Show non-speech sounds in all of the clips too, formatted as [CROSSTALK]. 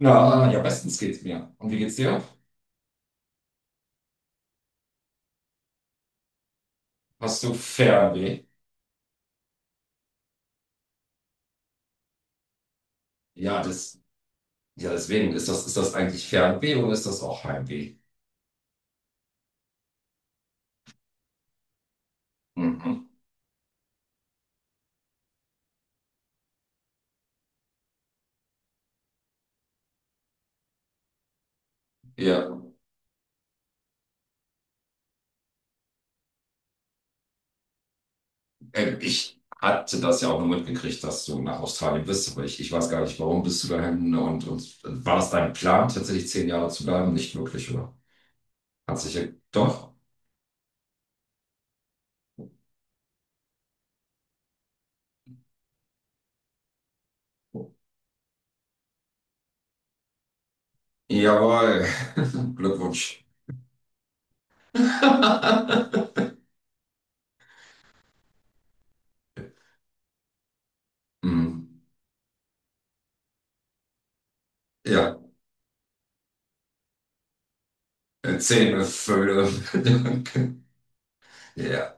Na, ja, bestens geht's mir. Und wie geht's dir? Hast du Fernweh? Ja, ja, deswegen ist das eigentlich Fernweh oder ist das auch Heimweh? Mhm. Ja, ich hatte das ja auch nur mitgekriegt, dass du nach Australien bist, aber ich weiß gar nicht, warum bist du dahin und war das dein Plan, tatsächlich 10 Jahre zu bleiben? Nicht wirklich, oder? Hat sich ja, doch. Jawohl. [LAUGHS] Glückwunsch. [LAUGHS] Mhm. Ja, zehn Vögel. [LAUGHS] Danke. Ja.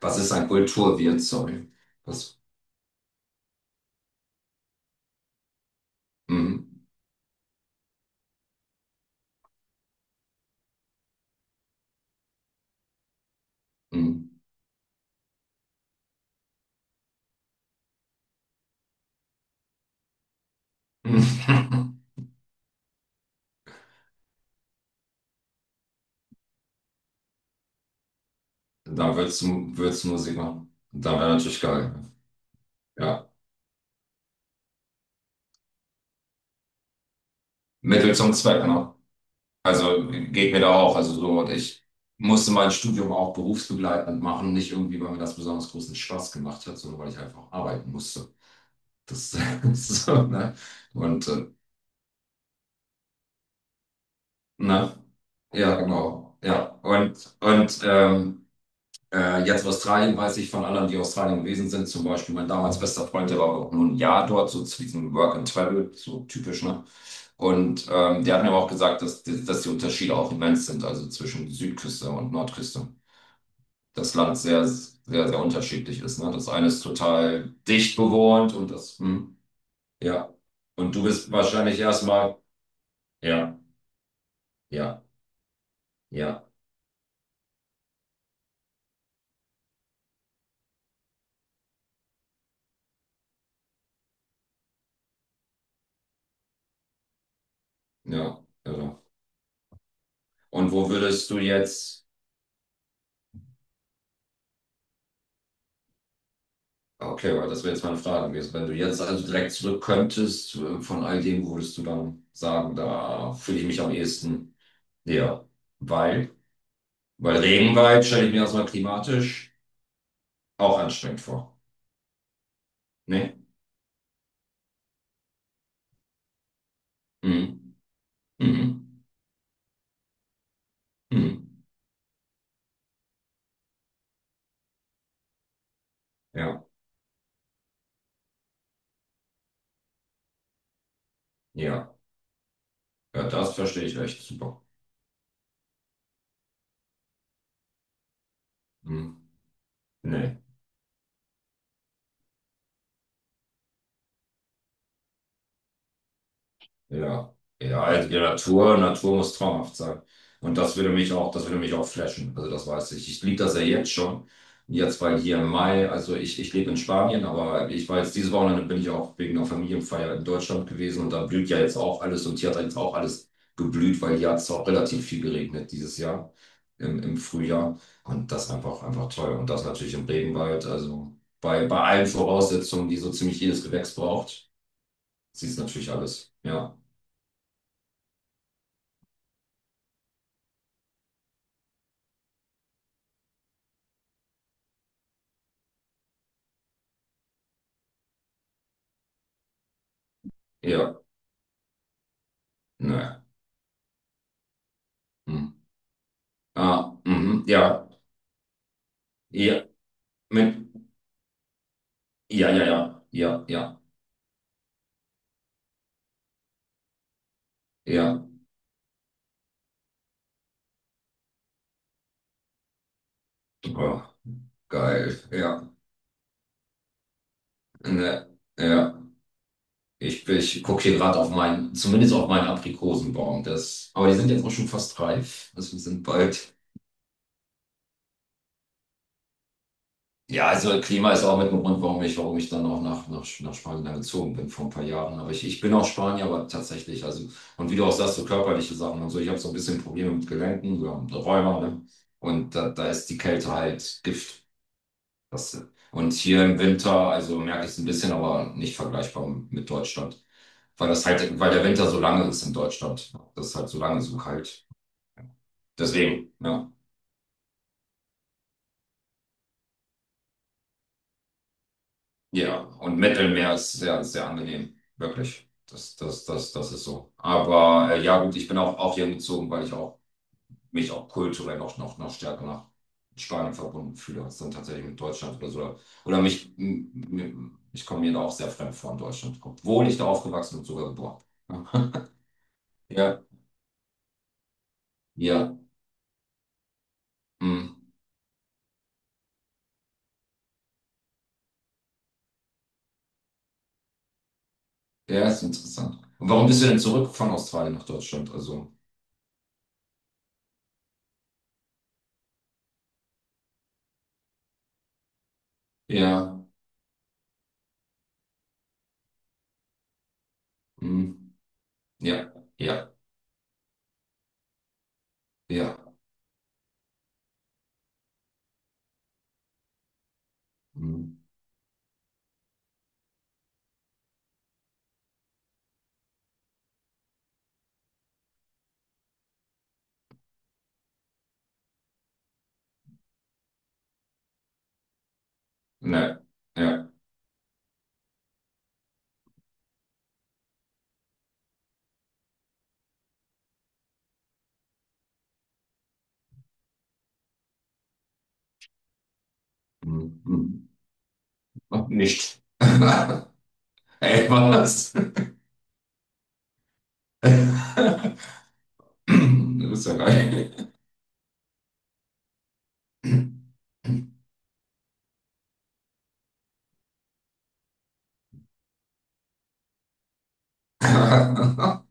Was ist ein Kulturwirt? Sorry. Was? Mhm. Mhm. [LAUGHS] Da würdest du Musik machen. Da wäre natürlich geil. Ja. Mittel zum Zweck, ne? Also geht mir da auch. Also so, und ich musste mein Studium auch berufsbegleitend machen. Nicht irgendwie, weil mir das besonders großen Spaß gemacht hat, sondern weil ich einfach arbeiten musste. Das [LAUGHS] so, ne? Und, ne? Ja, genau. Ja. Und. Jetzt Australien weiß ich von anderen, die Australien gewesen sind. Zum Beispiel mein damals bester Freund, der war auch nur ein Jahr dort, so zu diesem Work and Travel, so typisch, ne? Und der hat mir aber auch gesagt, dass, dass die Unterschiede auch immens sind, also zwischen Südküste und Nordküste. Das Land sehr, sehr, sehr unterschiedlich ist, ne? Das eine ist total dicht bewohnt und das, hm, ja. Und du bist wahrscheinlich erstmal, ja, ja, ja, ja, genau. Und wo würdest du jetzt. Okay, aber das wäre jetzt meine Frage gewesen. Wenn du jetzt also direkt zurück könntest, von all dem würdest du dann sagen, da fühle ich mich am ehesten näher. Weil, weil Regenwald stelle ich mir erstmal klimatisch auch anstrengend vor. Ne? Mhm. Mhm. Mhm. Ja, ja. Ja, das verstehe ich echt super. Mhm. Nee. Ja, ja, halt, die Natur, Natur muss traumhaft sein. Und das würde mich auch, das würde mich auch flashen. Also das weiß ich. Ich liebe das ja jetzt schon. Jetzt war hier im Mai, also ich lebe in Spanien, aber ich war jetzt dieses Wochenende bin ich auch wegen einer Familienfeier in Deutschland gewesen und da blüht ja jetzt auch alles und hier hat jetzt auch alles geblüht, weil hier hat es auch relativ viel geregnet dieses Jahr im Frühjahr. Und das einfach, einfach toll. Und das natürlich im Regenwald. Also bei allen Voraussetzungen, die so ziemlich jedes Gewächs braucht, sieht es natürlich alles. Ja. Ja. Ne. Hm. Ah, mhm. Ja. Ja. Mit. Ja, ja, ja. Ja, ja. Ja. Oh, geil. Ja. Ne. Ja. Ich gucke hier gerade auf meinen, zumindest auf meinen Aprikosenbaum. Das, aber die sind jetzt auch schon fast reif. Also wir sind bald. Ja, also Klima ist auch mit dem Grund, warum ich dann auch nach, nach Spanien dann gezogen bin vor ein paar Jahren. Aber ich bin auch Spanier, aber tatsächlich, also, und wie du auch sagst, so körperliche Sachen und so, ich habe so ein bisschen Probleme mit Gelenken, so mit Rheuma, ne? Und da ist die Kälte halt Gift. Das, und hier im Winter, also merke ich es ein bisschen, aber nicht vergleichbar mit Deutschland. Weil das halt, weil der Winter so lange ist in Deutschland. Das ist halt so lange so kalt. Deswegen, ja. Ja, und Mittelmeer ist sehr, sehr angenehm. Wirklich. Das ist so. Aber ja, gut, ich bin auch hier gezogen, weil ich auch, mich auch kulturell noch stärker nach Spanien verbunden fühle, als dann tatsächlich mit Deutschland oder so. Oder ich komme mir da auch sehr fremd vor in Deutschland, obwohl ich da aufgewachsen und sogar geboren bin. [LAUGHS] Ja, ja, mm. Ja, ist interessant. Und warum bist du denn zurück von Australien nach Deutschland? Also, ja, mm. Ja, ja, ja, mm. Ne, ja. Hm, hm. Nicht. [LAUGHS] Ey, was? [LAUGHS] Du bist ja geil. [LAUGHS]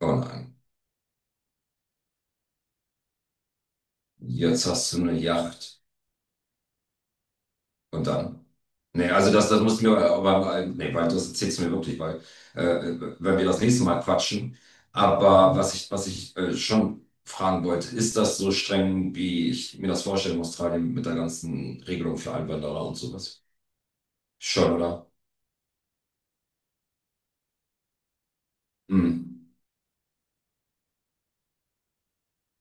Oh nein. Jetzt hast du eine Yacht. Und dann? Nee, also das musst du mir, aber, nee, weil das erzählst du mir wirklich, weil, wenn wir das nächste Mal quatschen. Aber was ich schon fragen wollte, ist das so streng, wie ich mir das vorstelle in Australien mit der ganzen Regelung für Einwanderer und sowas? Schon, oder? Hm.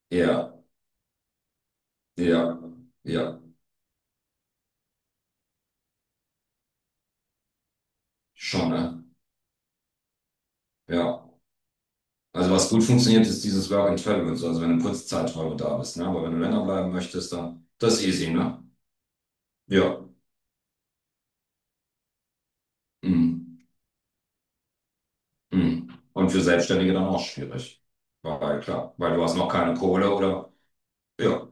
Ja. Ja, ja, schon, ne? Ja. Also was gut funktioniert, ist dieses Work and Travel und so, also wenn du eine kurze Zeiträume da bist, ne? Aber wenn du länger bleiben möchtest, dann das ist easy, ne? Ja. Mhm. Mhm. Und für Selbstständige dann auch schwierig. Weil klar, weil du hast noch keine Kohle oder ja.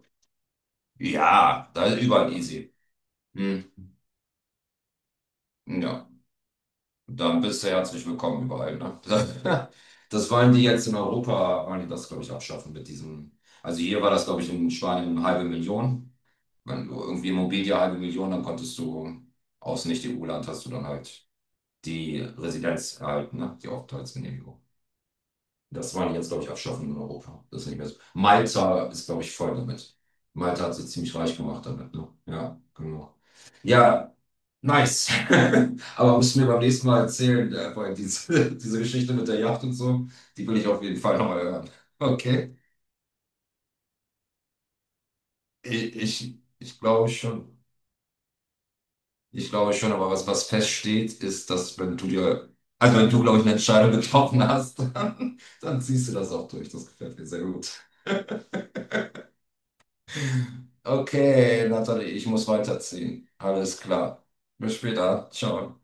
Ja, da ist überall easy. Mhm. Ja. Dann bist du herzlich willkommen überall, ne? [LAUGHS] Das wollen die jetzt in Europa, wollen die das, glaube ich, abschaffen mit diesem. Also hier war das, glaube ich, in Spanien eine halbe Million. Wenn du irgendwie Immobilie halbe Million, dann konntest du aus Nicht-EU-Land hast du dann halt die Residenz erhalten, ne? Die Aufenthaltsgenehmigung. Das wollen die jetzt, glaube ich, abschaffen in Europa. Das ist nicht mehr so. Malta ist, glaube ich, voll damit. Malta hat sich ziemlich reich gemacht damit. Ne? Ja, genau. Ja, nice. [LAUGHS] Aber musst du mir beim nächsten Mal erzählen, weil diese, [LAUGHS] diese Geschichte mit der Yacht und so, die will ich auf jeden Fall nochmal hören. Okay. Ich glaube schon. Ich glaube schon, aber was, was feststeht, ist, dass wenn du dir, also wenn du, glaube ich, eine Entscheidung getroffen hast, [LAUGHS] dann, dann ziehst du das auch durch. Das gefällt mir sehr gut. Okay, Nathalie, ich muss weiterziehen. Alles klar. Bis später. Ciao.